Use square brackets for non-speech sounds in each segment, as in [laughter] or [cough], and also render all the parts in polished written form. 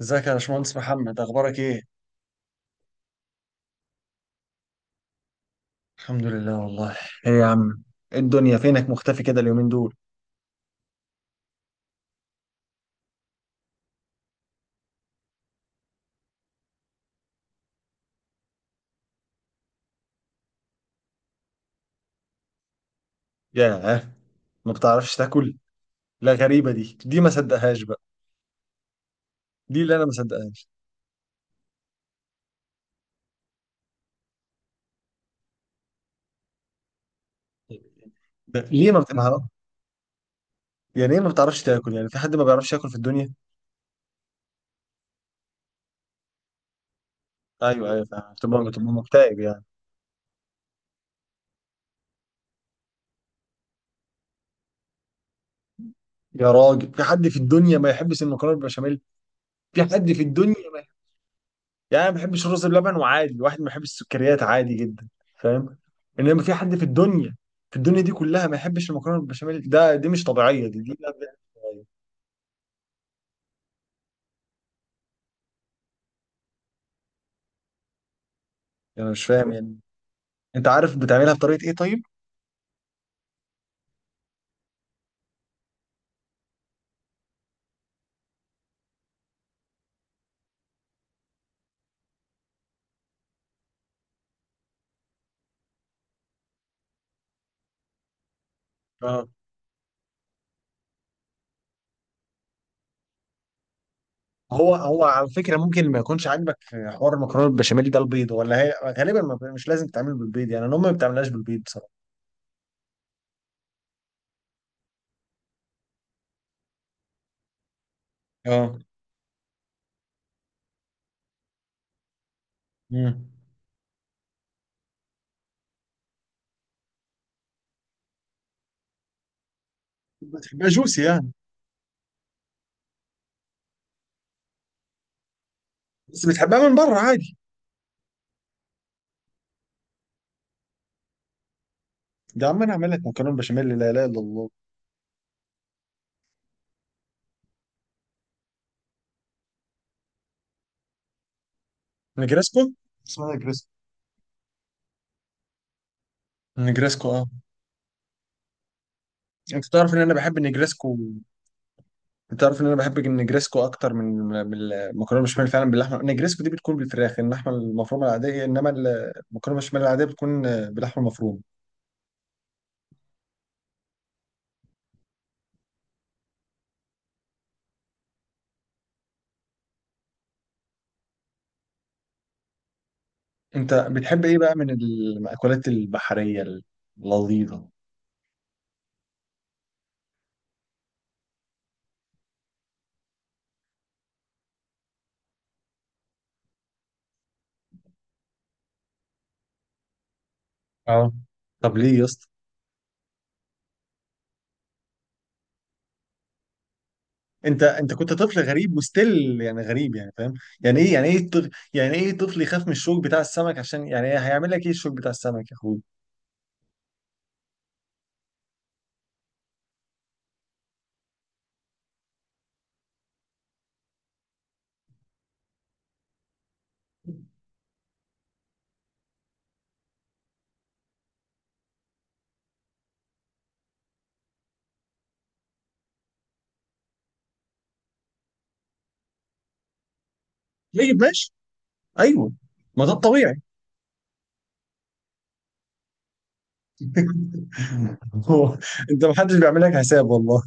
ازيك يا باشمهندس محمد؟ اخبارك ايه؟ الحمد لله والله. ايه يا عم؟ ايه الدنيا، فينك مختفي كده اليومين دول؟ ياه! ما بتعرفش تاكل؟ لا، غريبة، دي ما صدقهاش بقى. دي اللي انا ما صدقهاش. ده ليه ما بت... ما- يعني ايه ما بتعرفش تاكل؟ يعني في حد ما بيعرفش ياكل في الدنيا؟ ايوه ايوه، فعلا بتبقى مكتئب يعني. يا راجل، في حد في الدنيا ما يحبش المكرونة بالبشاميل؟ في حد في الدنيا؟ يعني أنا ما بحبش الرز بلبن، وعادي، الواحد ما بيحبش السكريات، عادي جدا، فاهم؟ انما في حد في الدنيا، في الدنيا دي كلها، ما يحبش المكرونه بالبشاميل؟ دي مش طبيعيه. دي لا، بجد مش طبيعية. انا مش فاهم يعني. انت عارف بتعملها بطريقه ايه طيب؟ اه، هو على فكره ممكن ما يكونش عاجبك في حوار المكرونه بالبشاميل ده البيض، ولا هي غالبا ما مش لازم تتعمل بالبيض، يعني انا امي ما بتعملهاش بالبيض بصراحه. اه. مم. بتحبها جوسي يعني؟ بس بتحبها من بره عادي. ده عم، انا اعمل لك مكرونه بشاميل، لا اله الا الله. نجرسكو. اسمها نجرسكو. نجريسكو، اه. انت تعرف ان انا بحب النجريسكو؟ انت تعرف ان انا بحب النجريسكو اكتر من المكرونه بشاميل؟ فعلا باللحمه. النجريسكو دي بتكون بالفراخ، اللحمه المفرومه العاديه، انما المكرونه بشاميل العاديه بتكون باللحمه المفرومه. انت بتحب ايه بقى من المأكولات البحريه اللذيذه؟ اه، طب ليه يا اسطى؟ انت كنت طفل غريب وستيل يعني، غريب يعني، فاهم؟ يعني ايه، يعني ايه طفل، يعني ايه طفل يخاف من الشوك بتاع السمك؟ عشان يعني هيعمل لك ايه الشوك بتاع السمك يا اخوي؟ طيب ماشي. ايوه. ما ده الطبيعي. هو انت ما حدش بيعمل لك حساب والله.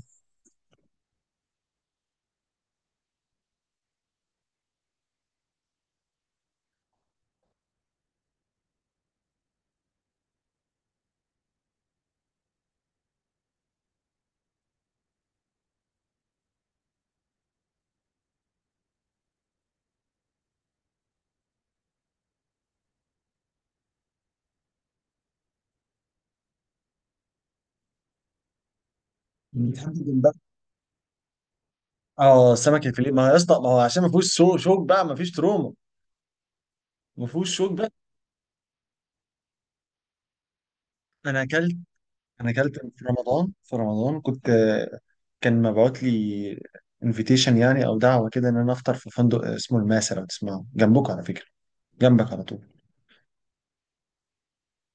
بتحدد بقى. اه، سمك الفيليه، ما هو يا اسطى، ما هو عشان ما فيهوش شوك بقى، ما فيش تروما. ما فيهوش شوك بقى. انا اكلت انا اكلت في رمضان كنت كان مبعوت لي انفيتيشن يعني، او دعوه كده، ان انا افطر في فندق اسمه الماسه، لو تسمعه جنبكم على فكره، جنبك على طول.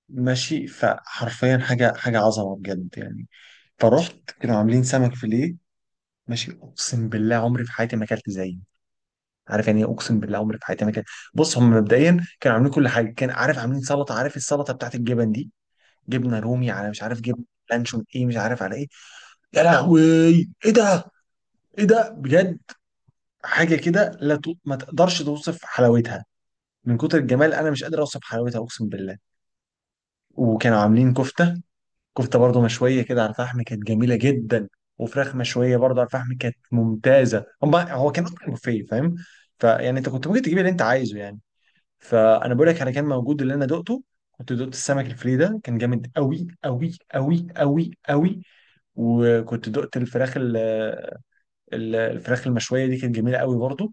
ماشي، فحرفيا حاجه، حاجه عظمه بجد يعني. فرحت، كانوا عاملين سمك فيليه. ماشي، اقسم بالله عمري في حياتي ما اكلت زيه. عارف يعني إيه؟ اقسم بالله عمري في حياتي ما كان. بص، هم مبدئيا كانوا عاملين كل حاجه. كان عارف، عاملين سلطه. عارف السلطه بتاعت الجبن دي؟ جبنه رومي، على مش عارف جبنه لانشون ايه، مش عارف على ايه. يا لهوي، ايه ده؟ ايه ده بجد؟ حاجه كده، لا ت... ما تقدرش توصف حلاوتها. من كتر الجمال انا مش قادر اوصف حلاوتها، اقسم بالله. وكانوا عاملين كفته. كفته برضو مشويه كده على الفحم، كانت جميله جدا. وفراخ مشويه برضو على الفحم، كانت ممتازه. هو كان اكتر بوفيه، فاهم؟ فيعني انت كنت ممكن تجيب اللي انت عايزه يعني. فانا بقول لك، على كان موجود اللي انا دقته. كنت دقت السمك الفري ده، كان جامد قوي قوي قوي قوي قوي. وكنت دقت الفراخ، الفراخ المشويه دي، كانت جميله قوي برضو.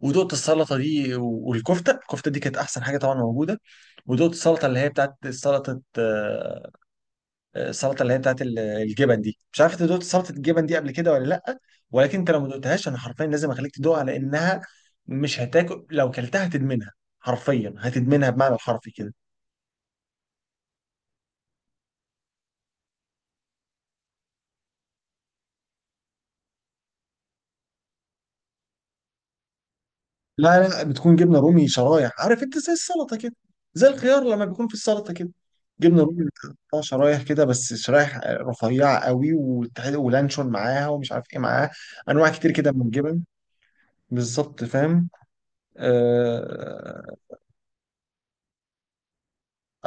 ودقت السلطه دي، والكفته دي كانت احسن حاجه طبعا موجوده. ودقت السلطه اللي هي بتاعت سلطه، السلطه اللي هي بتاعت الجبن دي، مش عارف انت دقت سلطه الجبن دي قبل كده ولا لا. ولكن انت لو ما دقتهاش، انا حرفيا لازم اخليك تدوقها، لانها مش هتاكل. لو كلتها هتدمنها، حرفيا هتدمنها، بمعنى الحرفي كده. لا لا، بتكون جبنه رومي شرايح، عارف انت، زي السلطه كده، زي الخيار لما بيكون في السلطه كده. جبنه رومي بتقطع شرايح كده، بس شرايح رفيعه قوي، ولانشون معاها، ومش عارف ايه معاها، انواع كتير كده من الجبن. بالظبط فاهم. آه...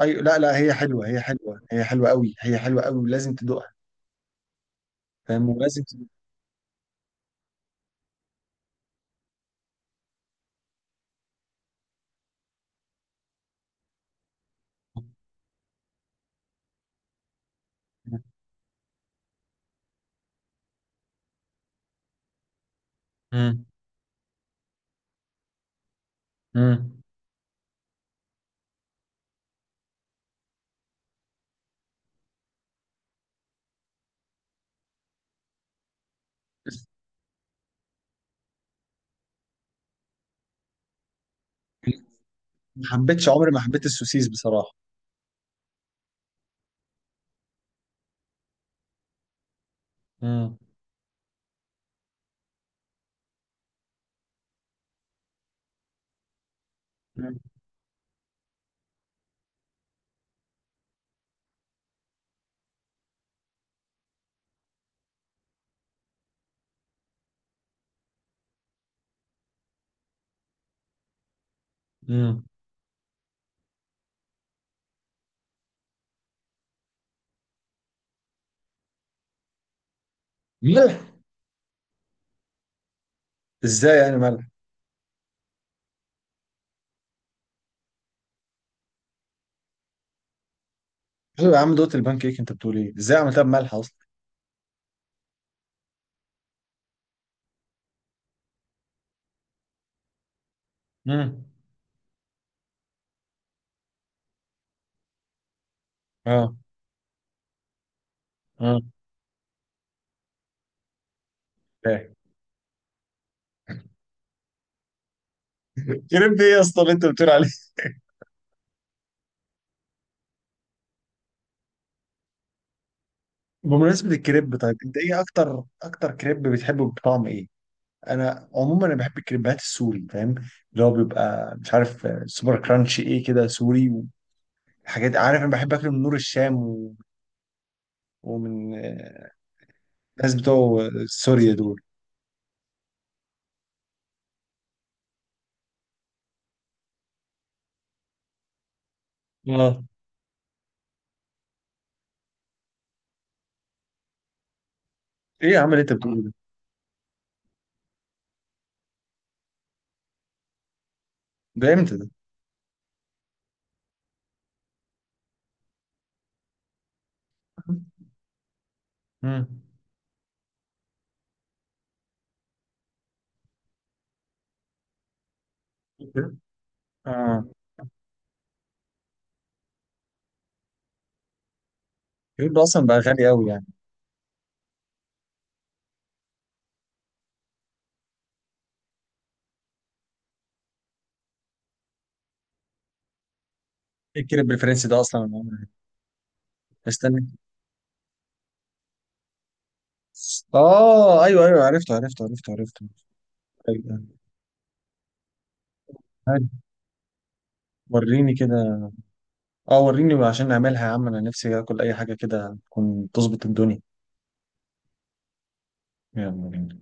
اي، لا لا، هي حلوه، هي حلوه، هي حلوه قوي، هي حلوه قوي، ولازم تدوقها. فاهم، ولازم تدوقها. امم. امم. ما حبيتش، عمري ما حبيت السوسيس بصراحه. امم. مم. امم. ملح؟ ازاي يعني ملح؟ شوف يا عم، دوت البان كيك، انت بتقول ايه؟ ازاي عملتها بملح اصلا؟ امم. اه، اه. فاهم. [laughs] كريب ايه يا اسطى اللي انت بتقول عليه؟ بمناسبة الكريب، طيب انت ايه اكتر كريب بتحبه بطعم ايه؟ انا عموما انا بحب الكريبات السوري، فاهم؟ اللي هو بيبقى مش عارف، سوبر كرانش ايه كده سوري، وحاجات. عارف، انا بحب اكله من نور الشام، ومن الناس بتوع سوريا دول. اه، ايه يا عم اللي انت بتقوله ده؟ ده امتى ده؟ امم. اه، الكريب ده اصلا بقى غالي قوي يعني. ايه الكير البريفرنسي ده اصلا؟ استنى. اه، ايوه ايوه، عرفته عرفته عرفته عرفته. أيوة. عارف. وريني كده. اه، وريني عشان نعملها يا عم، انا نفسي اكل اي حاجه كده تكون تظبط الدنيا. يلا بينا.